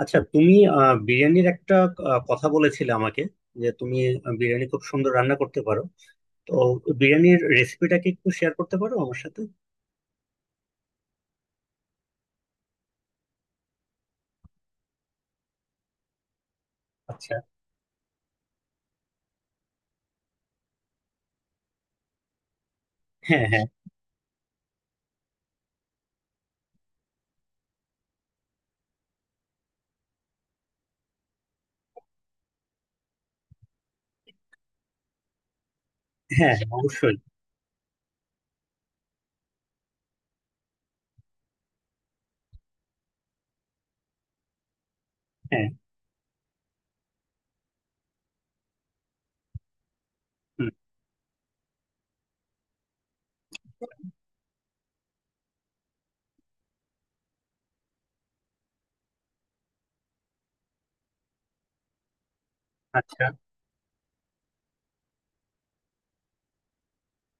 আচ্ছা, তুমি বিরিয়ানির একটা কথা বলেছিলে আমাকে যে তুমি বিরিয়ানি খুব সুন্দর রান্না করতে পারো। তো বিরিয়ানির রেসিপিটা কি একটু শেয়ার করতে পারো আমার সাথে? আচ্ছা। হ্যাঁ, হ্যাঁ। হ্যাঁ, হ্যাঁ, অবশ্যই। হ্যাঁ। হুম। আচ্ছা।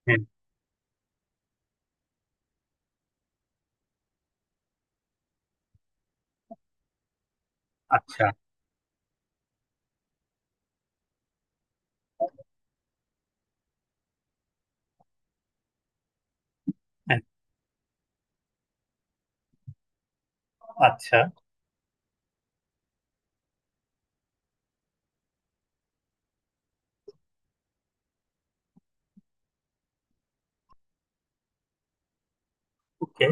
হ্যাঁ। আচ্ছা। হ্যাঁ। আচ্ছা। ওকে।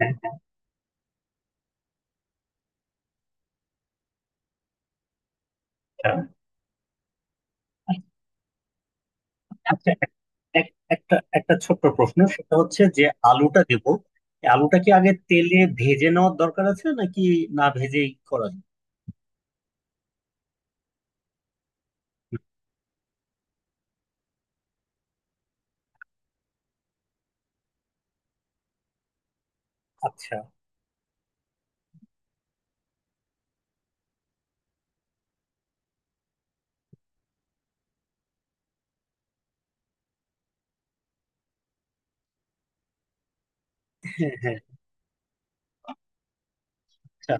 হ্যাঁ। আচ্ছা আচ্ছা, এক- এক- একটা একটা ছোট্ট প্রশ্ন, সেটা হচ্ছে যে আলুটা দেবো, এই আলুটা কি আগে তেলে ভেজে নেওয়ার দরকার আছে, নাকি না ভেজেই করা যায়? আচ্ছা। হ্যাঁ, হ্যাঁ। আচ্ছা।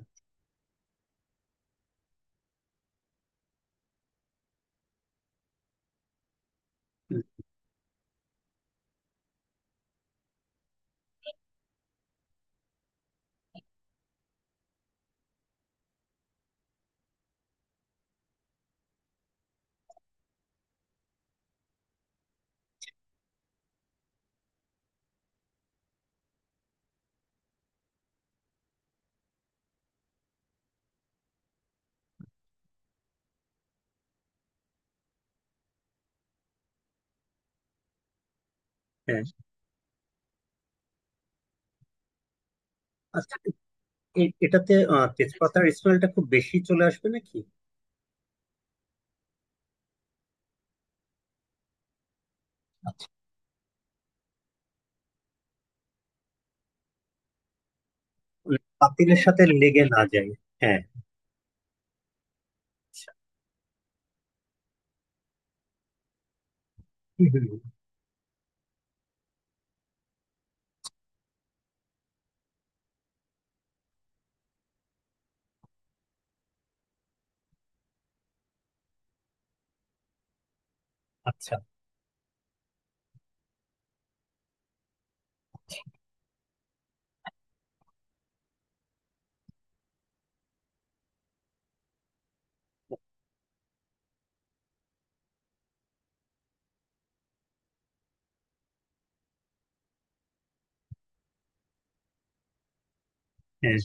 হুম। হ্যাঁ। আচ্ছা। এটাতে তেজপাতার স্মেলটা খুব বেশি চলে আসবে নাকি? আচ্ছা। পাতিলের সাথে লেগে না যায়। হ্যাঁ। আচ্ছা। হুম, হুম, হুম। আচ্ছা। হ্যাঁ।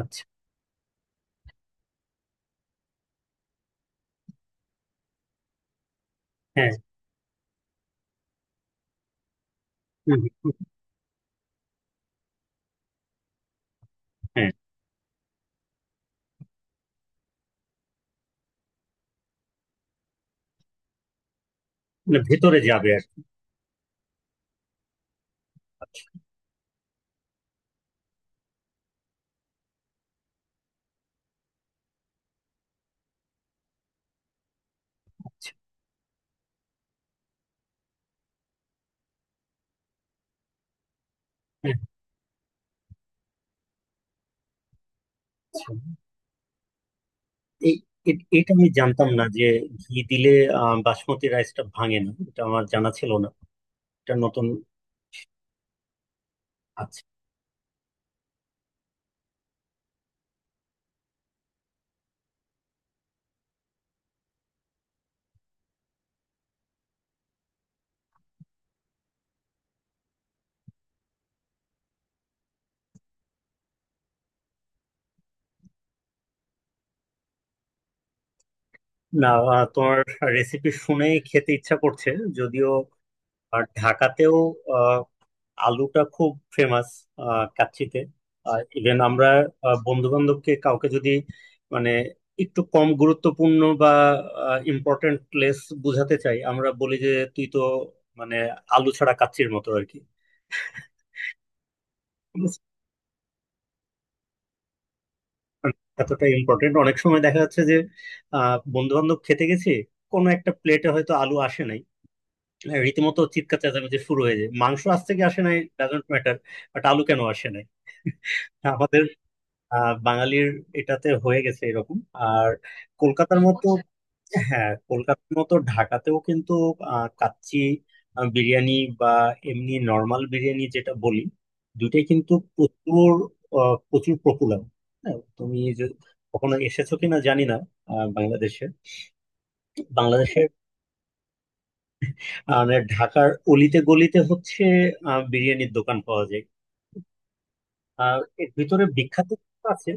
আচ্ছা। হ্যাঁ। হুম, হুম, হুম। হ্যাঁ। মানে ভেতরে যাবে আর কি। আচ্ছা। হ্যাঁ, আচ্ছা। এই এটা আমি জানতাম না যে ঘি দিলে বাসমতি রাইসটা ভাঙে না। এটা আমার জানা ছিল না। এটা নতুন। আচ্ছা। না, তোমার রেসিপি শুনে খেতে ইচ্ছা করছে যদিও। আর ঢাকাতেও আলুটা খুব ফেমাস কাচ্চিতে। ইভেন আমরা বন্ধু বান্ধবকে কাউকে যদি, মানে, একটু কম গুরুত্বপূর্ণ বা ইম্পর্টেন্ট প্লেস বোঝাতে চাই, আমরা বলি যে তুই তো, মানে, আলু ছাড়া কাচ্চির মতো আর কি। মানে, এতটা ইম্পর্টেন্ট। অনেক সময় দেখা যাচ্ছে যে বন্ধু বান্ধব খেতে গেছি, কোনো একটা প্লেটে হয়তো আলু আসে নাই। হ্যাঁ, রীতিমতো চিৎকার চেঁচামেচি শুরু হয়ে যায়। মাংস আসছে কি আসে নাই ডাজন্ট ম্যাটার, বাট আলু কেন আসে নাই? আমাদের বাঙালির এটাতে হয়ে গেছে এরকম। আর কলকাতার মতো। হ্যাঁ, কলকাতার মতো ঢাকাতেও কিন্তু কাচ্চি, বিরিয়ানি বা এমনি নর্মাল বিরিয়ানি যেটা বলি, দুইটাই কিন্তু প্রচুর, প্রচুর পপুলার। হ্যাঁ, তুমি যে কখনো এসেছো কিনা জানি না বাংলাদেশে। বাংলাদেশের, মানে ঢাকার অলিতে গলিতে হচ্ছে বিরিয়ানির দোকান পাওয়া যায়। আর এর ভিতরে বিখ্যাত কিছু আছে।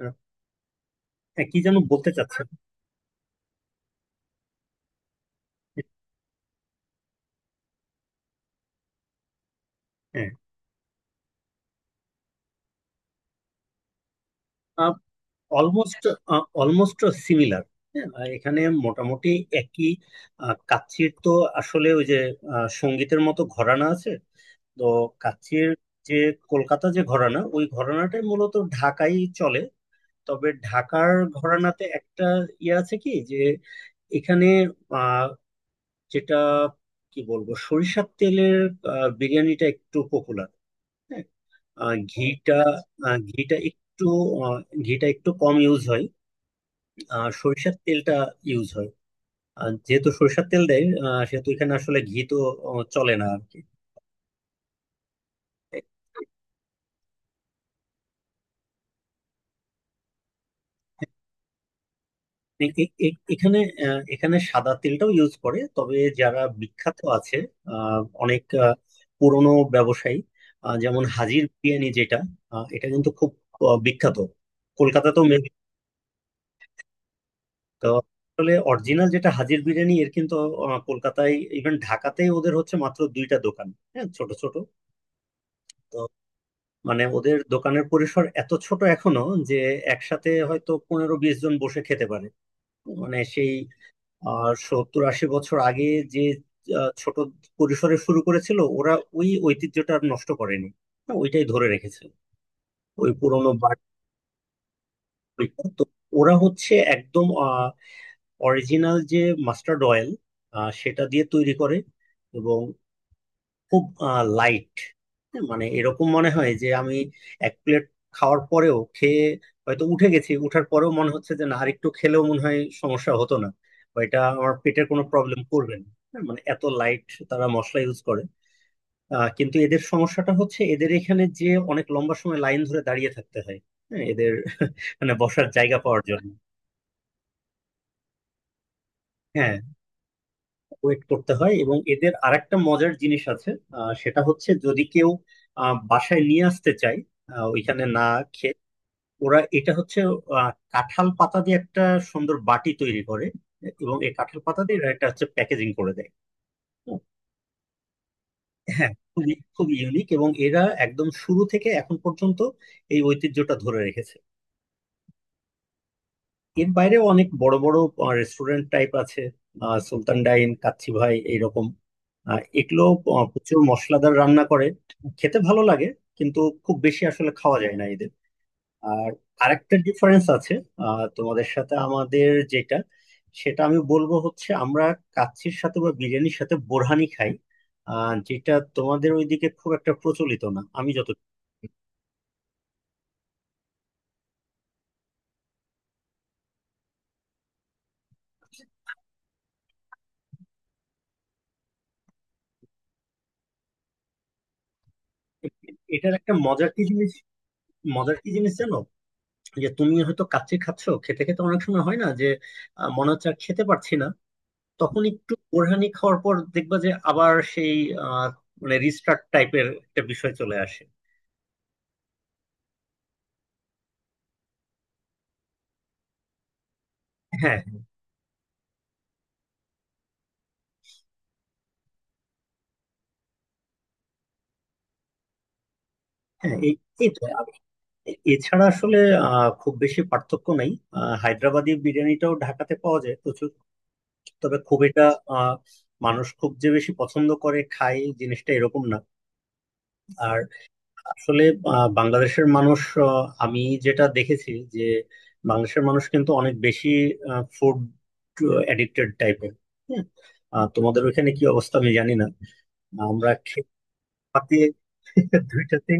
আহ, হ্যাঁ, কি যেন বলতে চাচ্ছেন? হ্যাঁ। Almost almost similar. হ্যাঁ, আর এখানে মোটামুটি একই। কাচ্চির তো আসলে ওই যে সঙ্গীতের মতো ঘরানা আছে। তো কাচ্চির, যে কলকাতা যে ঘরানা, ওই ঘরানাটাই মূলত ঢাকাই চলে। তবে ঢাকার ঘরানাতে একটা ইয়ে আছে কি যে এখানে আহ, যেটা, কি বলবো, সরিষার তেলের বিরিয়ানিটা একটু পপুলার। হ্যাঁ, আহ, ঘিটা আহ, ঘিটা একটু আহ, ঘিটা একটু কম ইউজ হয়। আর সরিষার তেলটা ইউজ হয়। আর যেহেতু সরিষার তেল দেয় সেহেতু এখানে আসলে ঘি তো চলে না আর কি। এ- এ- এ- এখানে এখানে সাদা তেলটাও ইউজ করে, তবে যারা বিখ্যাত আছে অনেক পুরনো ব্যবসায়ী, যেমন হাজির বিরিয়ানি যেটা, এটা কিন্তু খুব বিখ্যাত কলকাতাতেও maybe। তো আসলে অরিজিনাল যেটা হাজির বিরিয়ানি, এর কিন্তু কলকাতায়, ইভেন ঢাকাতেই ওদের হচ্ছে মাত্র দুইটা দোকান। হ্যাঁ, ছোট ছোট। মানে ওদের দোকানের পরিসর এত ছোট এখনো যে একসাথে হয়তো 15-20 জন বসে খেতে পারে। মানে সেই 70-80 বছর আগে যে ছোট পরিসরে শুরু করেছিল ওরা, ওই ঐতিহ্যটা আর নষ্ট করেনি। হ্যাঁ, ওইটাই ধরে রেখেছে ওই পুরোনো বার। তো ওরা হচ্ছে একদম অরিজিনাল, যে মাস্টার্ড অয়েল, সেটা দিয়ে তৈরি করে। এবং খুব লাইট, মানে এরকম মনে হয় যে আমি এক প্লেট খাওয়ার পরেও, খেয়ে হয়তো উঠে গেছি, উঠার পরেও মনে হচ্ছে যে না, আরেকটু খেলেও মনে হয় সমস্যা হতো না। বা এটা আমার পেটের কোনো প্রবলেম করবে না। হ্যাঁ, মানে এত লাইট তারা মশলা ইউজ করে। কিন্তু এদের সমস্যাটা হচ্ছে এদের এখানে যে অনেক লম্বা সময় লাইন ধরে দাঁড়িয়ে থাকতে হয়। হ্যাঁ, এদের মানে বসার জায়গা পাওয়ার জন্য। হ্যাঁ, ওয়েট করতে হয় এবং এদের আরেকটা মজার জিনিস আছে, সেটা হচ্ছে যদি কেউ বাসায় নিয়ে আসতে চায়, ওইখানে না খেয়ে, ওরা এটা হচ্ছে কাঁঠাল পাতা দিয়ে একটা সুন্দর বাটি তৈরি করে এবং এই কাঁঠাল পাতা দিয়ে এরা এটা হচ্ছে প্যাকেজিং করে দেয়। হ্যাঁ, খুবই খুবই ইউনিক এবং এরা একদম শুরু থেকে এখন পর্যন্ত এই ঐতিহ্যটা ধরে রেখেছে। এর বাইরেও অনেক বড় বড় রেস্টুরেন্ট টাইপ আছে, সুলতান ডাইন, কাচ্চি ভাই এইরকম। এগুলো প্রচুর মশলাদার রান্না করে, খেতে ভালো লাগে, কিন্তু খুব বেশি আসলে খাওয়া যায় না এদের। আর আরেকটা ডিফারেন্স আছে তোমাদের সাথে আমাদের যেটা, সেটা আমি বলবো হচ্ছে আমরা কাচ্চির সাথে বা বিরিয়ানির সাথে বোরহানি খাই, যেটা তোমাদের ওইদিকে খুব একটা প্রচলিত না। আমি যত। এটার একটা মজার কি জিনিস জানো? যে তুমি হয়তো কাচ্চি খাচ্ছো, খেতে খেতে অনেক সময় হয় না যে মনে হচ্ছে আর খেতে পারছি না, তখন একটু বোরহানি খাওয়ার পর দেখবা যে আবার সেই, আহ, মানে, রিস্টার্ট টাইপের একটা বিষয় চলে আসে। হ্যাঁ, হ্যাঁ, এই, এই তো। আর এছাড়া আসলে খুব বেশি পার্থক্য নাই। হায়দ্রাবাদি বিরিয়ানিটাও ঢাকাতে পাওয়া যায় প্রচুর। তবে খুব এটা আহ, মানুষ খুব যে বেশি পছন্দ করে খায় জিনিসটা এরকম না। আসলে বাংলাদেশের মানুষ, আমি যেটা দেখেছি যে বাংলাদেশের মানুষ কিন্তু অনেক বেশি ফুড এডিক্টেড টাইপের। হ্যাঁ, তোমাদের ওইখানে কি অবস্থা আমি জানি না। আমরা খেতে পাতে দুইটাতে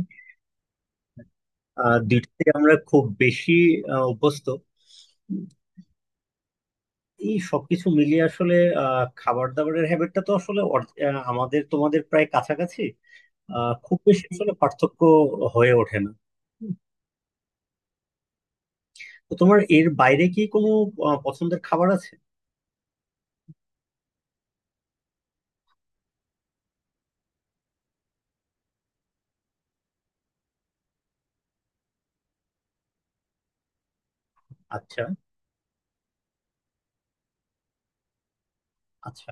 দুইটাতে আমরা খুব বেশি অভ্যস্ত। এই সবকিছু মিলিয়ে আসলে খাবার দাবারের হ্যাবিটটা তো আসলে আমাদের তোমাদের প্রায় কাছাকাছি। খুব বেশি আসলে পার্থক্য হয়ে ওঠে না। তো তোমার এর বাইরে কি কোনো পছন্দের খাবার আছে? আচ্ছা। আচ্ছা।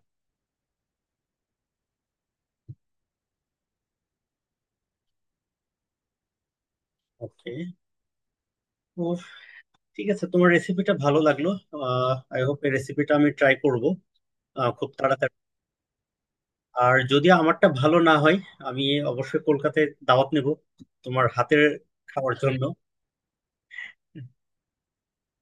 ওকে। তো ঠিক আছে, তোমার রেসিপিটা ভালো লাগলো। আই হোপ এই রেসিপিটা আমি ট্রাই করব খুব তাড়াতাড়ি। আর যদি আমারটা ভালো না হয়, আমি অবশ্যই কলকাতায় দাওয়াত নেব তোমার হাতের খাওয়ার জন্য।